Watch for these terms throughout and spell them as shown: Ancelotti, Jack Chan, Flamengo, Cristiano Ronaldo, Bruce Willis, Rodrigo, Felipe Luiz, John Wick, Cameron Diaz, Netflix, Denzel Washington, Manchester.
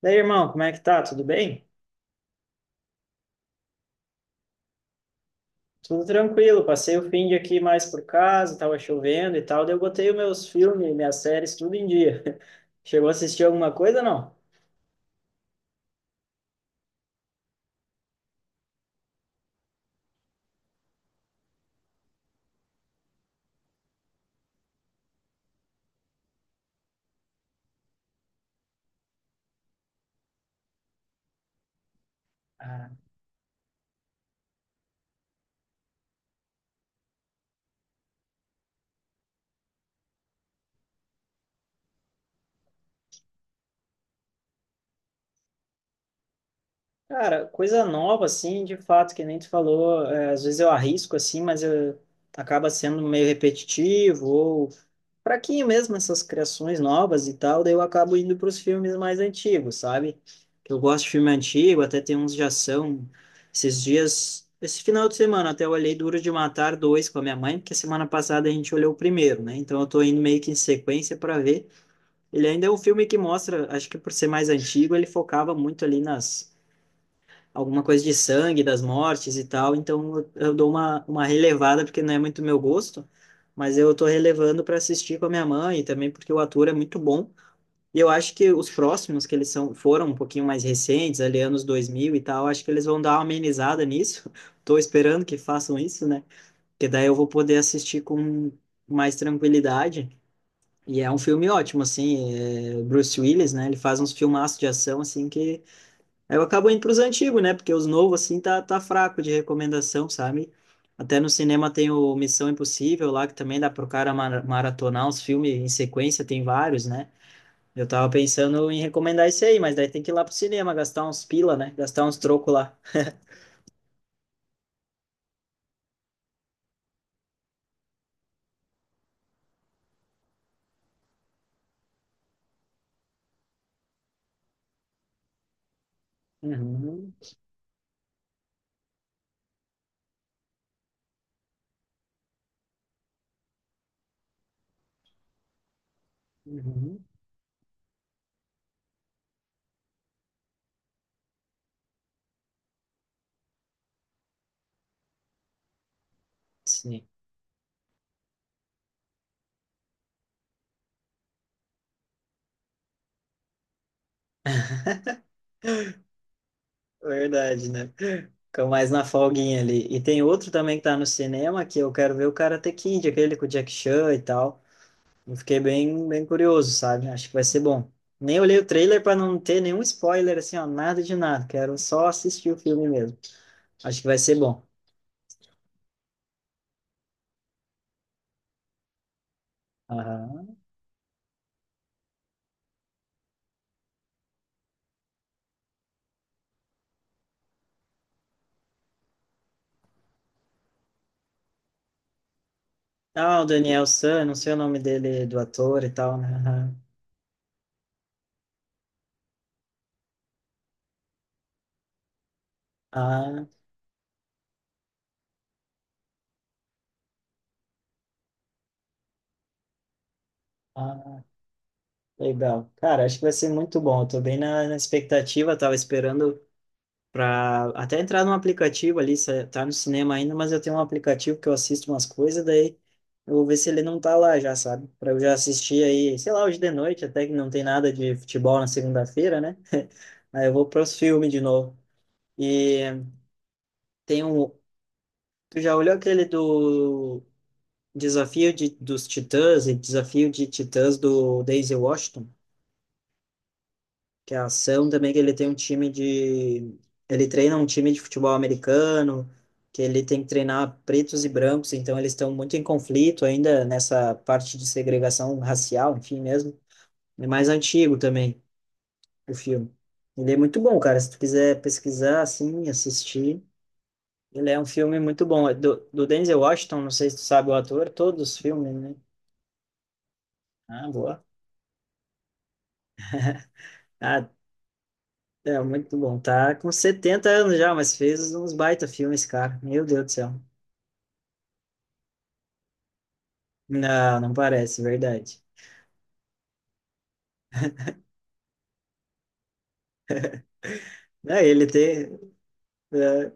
Daí, irmão, como é que tá? Tudo bem? Tudo tranquilo. Passei o fim de aqui mais por casa, tava chovendo e tal. Daí eu botei os meus filmes, minhas séries, tudo em dia. Chegou a assistir alguma coisa, não? Ah. Cara, coisa nova, assim, de fato, que nem tu falou. É, às vezes eu arrisco, assim, mas eu, acaba sendo meio repetitivo ou fraquinho mesmo essas criações novas e tal, daí eu acabo indo para os filmes mais antigos, sabe? Que eu gosto de filme antigo, até tem uns de ação. Esses dias, esse final de semana, até eu olhei Duro de Matar 2 com a minha mãe, porque semana passada a gente olhou o primeiro, né? Então eu tô indo meio que em sequência para ver. Ele ainda é um filme que mostra, acho que por ser mais antigo, ele focava muito ali nas alguma coisa de sangue, das mortes e tal, então eu dou uma relevada, porque não é muito meu gosto, mas eu tô relevando para assistir com a minha mãe, e também porque o ator é muito bom, e eu acho que os próximos, que eles são, foram um pouquinho mais recentes, ali anos 2000 e tal, acho que eles vão dar uma amenizada nisso, tô esperando que façam isso, né, porque daí eu vou poder assistir com mais tranquilidade, e é um filme ótimo, assim, é, Bruce Willis, né, ele faz uns filmaços de ação, assim, que aí eu acabo indo pros antigos, né? Porque os novos, assim, tá, tá fraco de recomendação, sabe? Até no cinema tem o Missão Impossível lá, que também dá pro cara maratonar os filmes em sequência, tem vários, né? Eu tava pensando em recomendar esse aí, mas daí tem que ir lá pro cinema, gastar uns pila, né? Gastar uns troco lá. Uhum, uhum, sim, verdade, né? Fica mais na folguinha ali. E tem outro também que tá no cinema, que eu quero ver o Karate Kid, aquele com o Jack Chan e tal. Eu fiquei bem, bem curioso, sabe? Acho que vai ser bom. Nem olhei o trailer para não ter nenhum spoiler, assim, ó, nada de nada. Quero só assistir o filme mesmo. Acho que vai ser bom. Aham. Ah, o Daniel San, não sei o nome dele, do ator e tal, né? Aham. Ah, ah, legal. Cara, acho que vai ser muito bom. Eu tô bem na expectativa, tava esperando para até entrar num aplicativo ali, se tá no cinema ainda, mas eu tenho um aplicativo que eu assisto umas coisas, daí eu vou ver se ele não tá lá já, sabe? Para eu já assistir aí, sei lá, hoje de noite, até que não tem nada de futebol na segunda-feira, né? Aí eu vou para os filmes de novo. E tem um, tu já olhou aquele do Desafio de, dos Titãs e Desafio de Titãs do Daisy Washington? Que é a ação também, que ele tem um time de. Ele treina um time de futebol americano, que ele tem que treinar pretos e brancos, então eles estão muito em conflito ainda nessa parte de segregação racial, enfim mesmo. É mais antigo também o filme. Ele é muito bom, cara. Se tu quiser pesquisar, assim, assistir, ele é um filme muito bom. É do Denzel Washington, não sei se tu sabe o ator, todos os filmes, né? Ah, boa. Ah, é muito bom. Tá com 70 anos já, mas fez uns baita filmes, cara. Meu Deus do céu. Não, não parece, verdade. É, ele tem,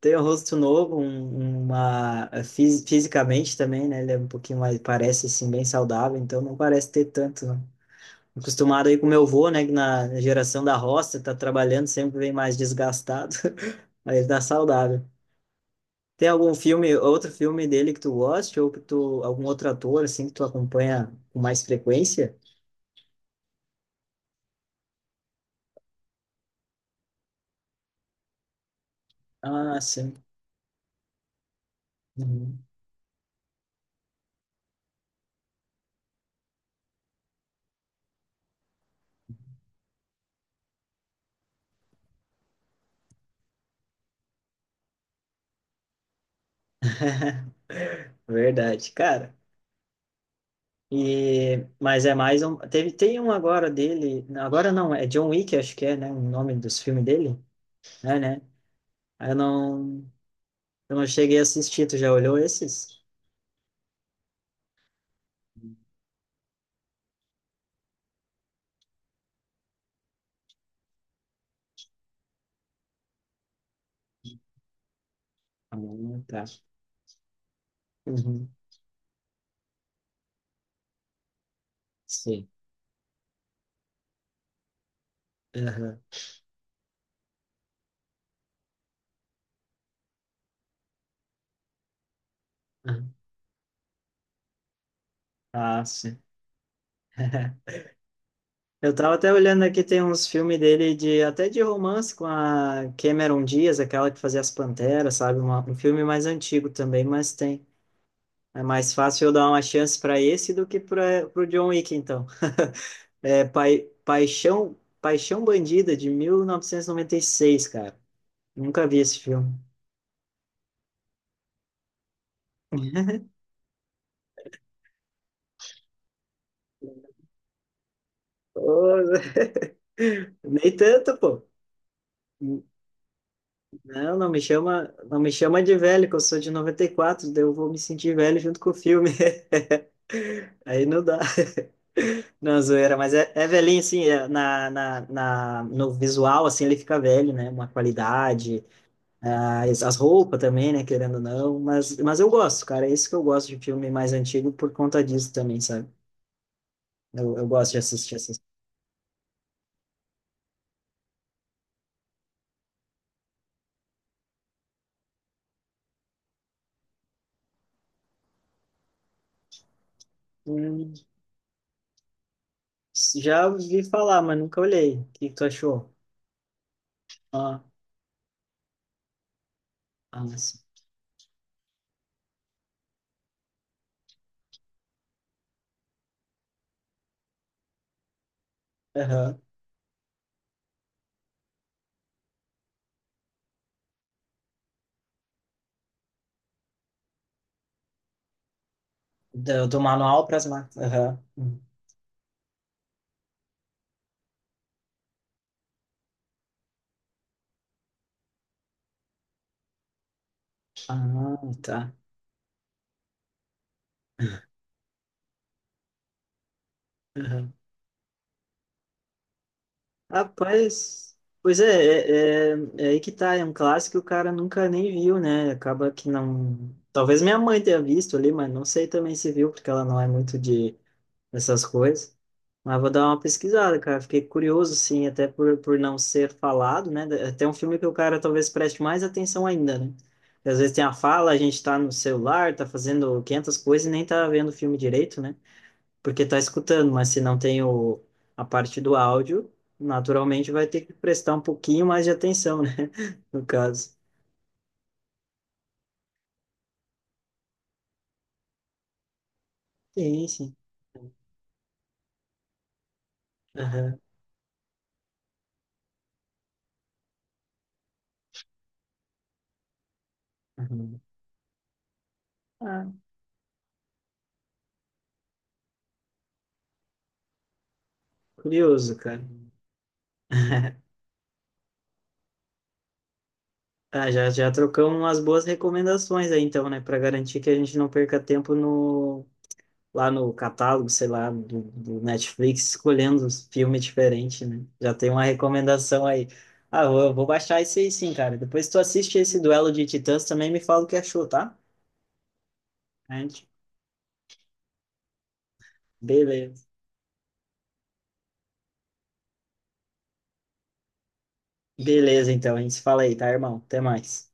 tem um rosto novo, uma fisicamente também, né? Ele é um pouquinho mais, parece assim, bem saudável, então não parece ter tanto, não. Acostumado aí com meu avô, né? Que na geração da roça, tá trabalhando, sempre vem mais desgastado, mas ele tá saudável. Tem algum filme, outro filme dele que tu goste, ou que tu, algum outro ator, assim, que tu acompanha com mais frequência? Ah, sim. Uhum. Verdade, cara. E, mas é mais um. Teve, tem um agora dele. Agora não, é John Wick, acho que é, né? O nome dos filmes dele. É, né? Eu não, eu não cheguei a assistir. Tu já olhou esses? Ah, tá. Uhum. Sim. Aham. Aham. Ah, sim. Eu tava até olhando aqui, tem uns filmes dele de até de romance com a Cameron Diaz, aquela que fazia As Panteras, sabe? Um filme mais antigo também, mas tem. É mais fácil eu dar uma chance para esse do que para o John Wick, então. É, Paixão Bandida, de 1996, cara. Nunca vi esse filme. Ô, nem tanto, pô. Não, não me chama, não me chama de velho, que eu sou de 94, daí eu vou me sentir velho junto com o filme. Aí não dá. Não, zoeira, mas é, é velhinho, assim, é, no visual, assim, ele fica velho, né? Uma qualidade, ah, as roupas também, né? Querendo ou não, mas eu gosto, cara, é isso que eu gosto de filme mais antigo por conta disso também, sabe? Eu gosto de assistir essas coisas. Já ouvi falar, mas nunca olhei. O que que tu achou? Ah, ah, sim. Aham. Do manual para as máquinas. Aham. Hum. Ah, tá. Aham. Rapaz, pois é, aí que tá. É um clássico que o cara nunca nem viu, né? Acaba que não. Talvez minha mãe tenha visto ali, mas não sei também se viu, porque ela não é muito de essas coisas. Mas vou dar uma pesquisada, cara. Fiquei curioso, sim, até por não ser falado, né? Até um filme que o cara talvez preste mais atenção ainda, né? Porque às vezes tem a fala, a gente tá no celular, tá fazendo 500 coisas e nem tá vendo o filme direito, né? Porque tá escutando, mas se não tem o, a parte do áudio, naturalmente vai ter que prestar um pouquinho mais de atenção, né? No caso. Sim, sim. Aham, aham. Ah, curioso, cara. Ah, já trocamos umas boas recomendações aí, então, né? Para garantir que a gente não perca tempo no, lá no catálogo, sei lá, do Netflix, escolhendo os filmes diferentes, né? Já tem uma recomendação aí. Ah, eu vou baixar esse aí sim, cara. Depois tu assiste esse duelo de titãs também me fala o que achou, tá? A gente... Beleza. Beleza, então. A gente se fala aí, tá, irmão? Até mais.